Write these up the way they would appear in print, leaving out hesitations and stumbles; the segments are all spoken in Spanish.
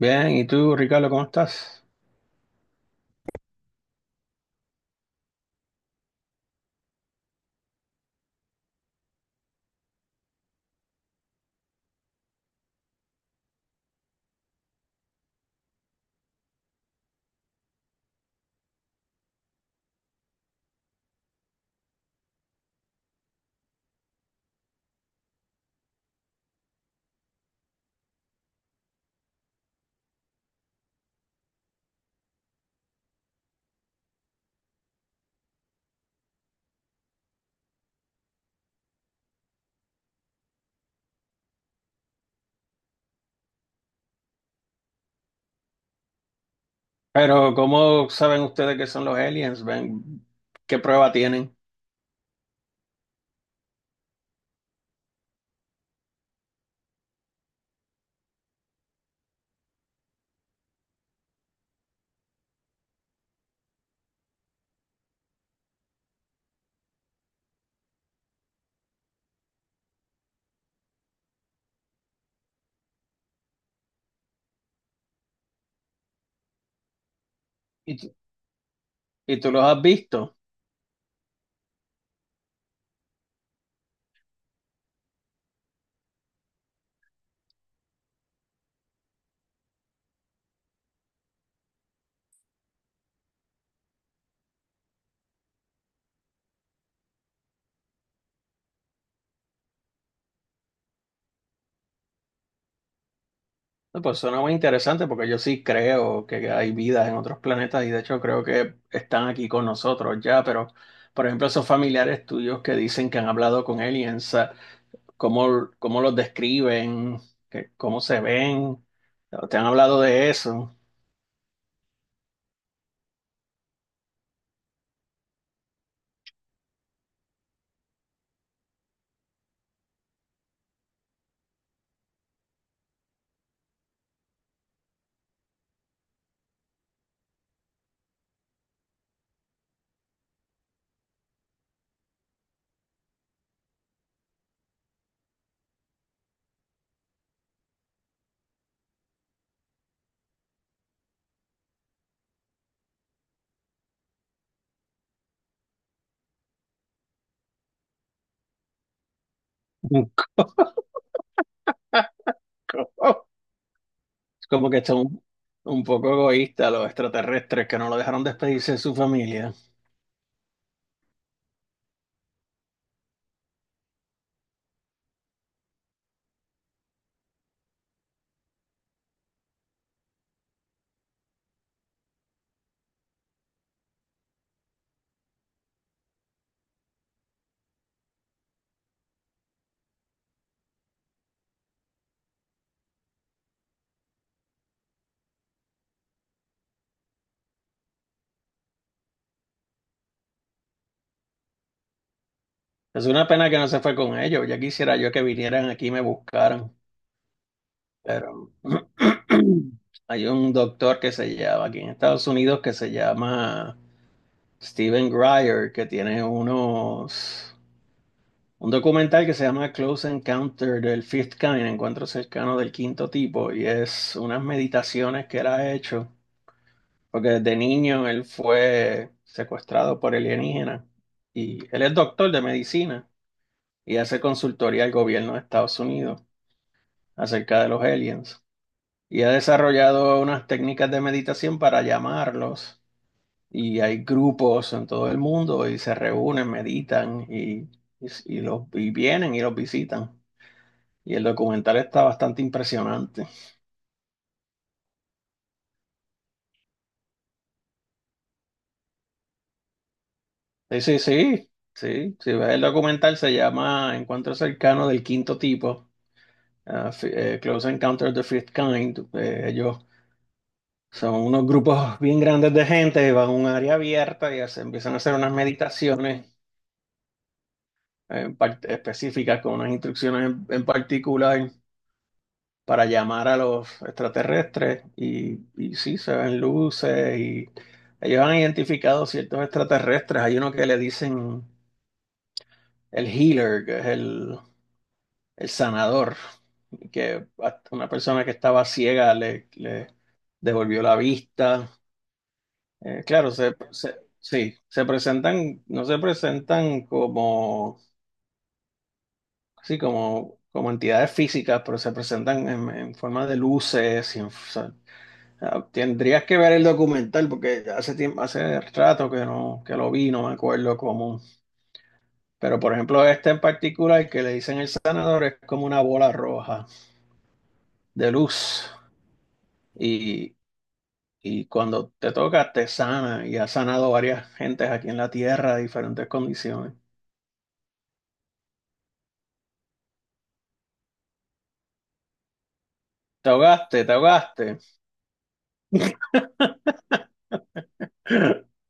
Bien, ¿y tú, Ricardo, cómo estás? Pero, ¿cómo saben ustedes que son los aliens? ¿Ven? ¿Qué prueba tienen? ¿Y, tú- y tú los has visto? No, pues suena muy interesante porque yo sí creo que hay vida en otros planetas y de hecho creo que están aquí con nosotros ya, pero por ejemplo esos familiares tuyos que dicen que han hablado con aliens, ¿cómo los describen? ¿Cómo se ven? ¿Te han hablado de eso? Es como que son un poco egoístas los extraterrestres que no lo dejaron despedirse de su familia. Es una pena que no se fue con ellos. Ya quisiera yo que vinieran aquí y me buscaran. Pero hay un doctor que se llama aquí en Estados Unidos que se llama Steven Greer, que tiene unos un documental que se llama Close Encounter del Fifth Kind, Encuentro cercano del quinto tipo, y es unas meditaciones que él ha hecho porque desde niño él fue secuestrado por alienígenas y él es doctor de medicina y hace consultoría al gobierno de Estados Unidos acerca de los aliens. Y ha desarrollado unas técnicas de meditación para llamarlos, y hay grupos en todo el mundo y se reúnen, meditan y vienen y los visitan. Y el documental está bastante impresionante. Sí, sí, sí, sí. Si ves el documental se llama Encuentro cercano del quinto tipo. Ah, sí, Close Encounter of the Fifth Kind. Ellos son unos grupos bien grandes de gente, van a un área abierta y empiezan a hacer unas meditaciones eh, específicas con unas instrucciones en particular para llamar a los extraterrestres. Y sí, se ven luces y ellos han identificado ciertos extraterrestres. Hay uno que le dicen el Healer, que es el sanador, que a una persona que estaba ciega le devolvió la vista. Claro, sí, se presentan, no se presentan como, sí, como entidades físicas, pero se presentan en forma de luces. Tendrías que ver el documental porque hace tiempo, hace rato que lo vi, no me acuerdo cómo. Pero por ejemplo, este en particular que le dicen el sanador es como una bola roja de luz. Y cuando te toca, te sana y ha sanado varias gentes aquí en la tierra de diferentes condiciones. Te ahogaste, te ahogaste.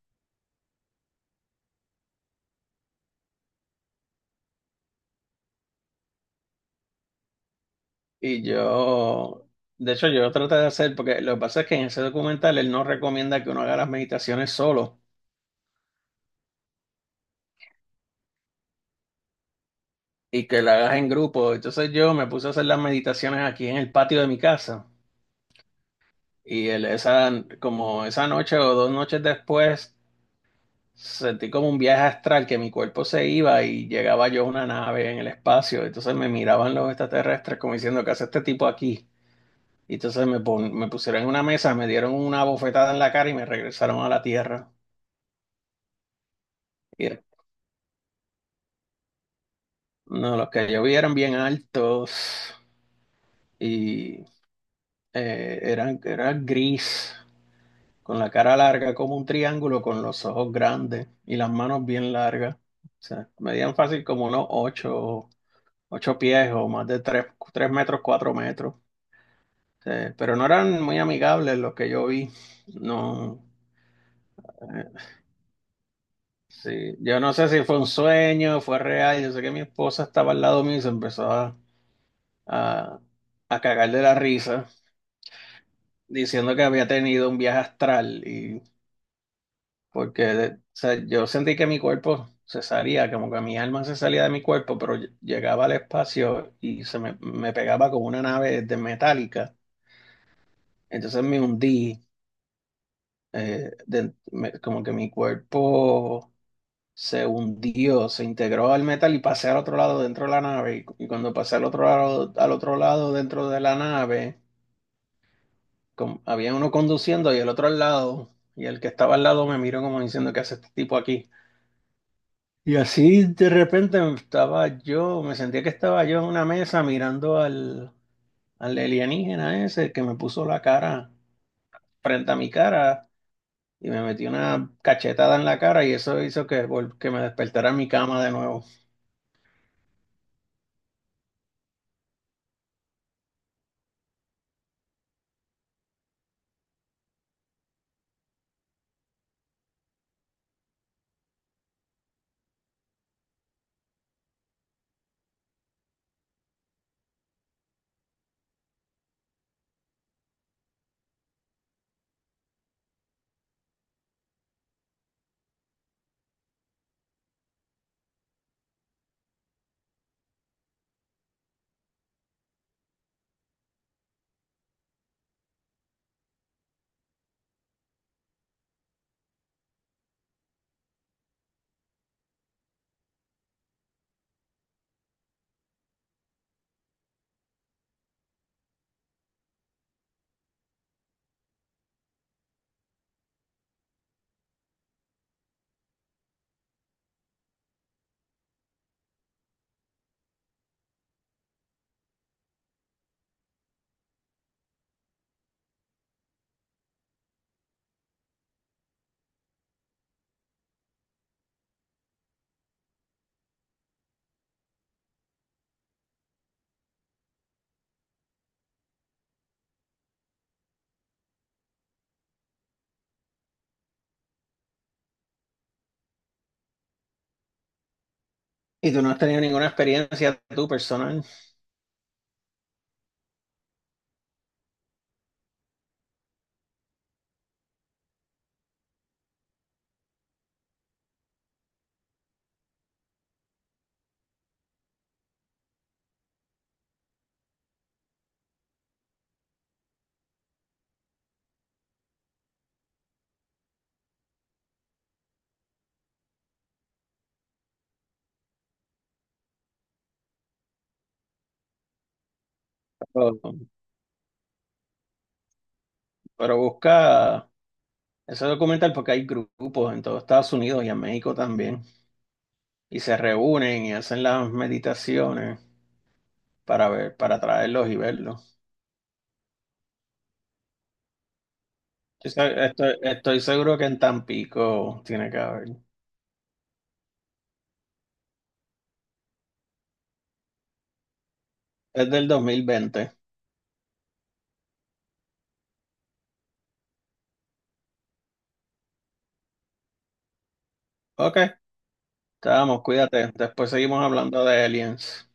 Y de hecho, yo traté de hacer, porque lo que pasa es que en ese documental él no recomienda que uno haga las meditaciones solo y que la hagas en grupo. Entonces yo me puse a hacer las meditaciones aquí en el patio de mi casa. Y el- esa, Como esa noche o dos noches después, sentí como un viaje astral que mi cuerpo se iba y llegaba yo a una nave en el espacio. Entonces me miraban los extraterrestres como diciendo, ¿qué hace este tipo aquí? Y entonces me pusieron en una mesa, me dieron una bofetada en la cara y me regresaron a la Tierra. Y no, los que yo vi eran bien altos y eran gris, con la cara larga como un triángulo, con los ojos grandes y las manos bien largas. O sea, medían fácil como unos ocho. Ocho pies o más de tres metros, cuatro metros. Pero no eran muy amigables los que yo vi. No, eh, sí. Yo no sé si fue un sueño, fue real. Yo sé que mi esposa estaba al lado mío y se empezó a, a, a cagar de la risa, diciendo que había tenido un viaje astral. Y porque, o sea, yo sentí que mi cuerpo se salía, como que mi alma se salía de mi cuerpo, pero llegaba al espacio y me pegaba como una nave de metálica. Entonces me hundí, como que mi cuerpo se hundió, se integró al metal y pasé al otro lado dentro de la nave. Y cuando pasé al otro lado dentro de la nave, había uno conduciendo y el otro al lado. Y el que estaba al lado me miró como diciendo, ¿qué hace este tipo aquí? Y así de repente estaba yo, me sentía que estaba yo en una mesa mirando al alienígena ese que me puso la cara frente a mi cara y me metí una cachetada en la cara y eso hizo que, que me despertara en mi cama de nuevo. Y tú no has tenido ninguna experiencia tú personal, pero, pero busca ese documental porque hay grupos en todo Estados Unidos y en México también y se reúnen y hacen las meditaciones para ver, para traerlos y verlos. Estoy, estoy seguro que en Tampico tiene que haber. Es del 2020. Ok, estamos, cuídate. Después seguimos hablando de aliens.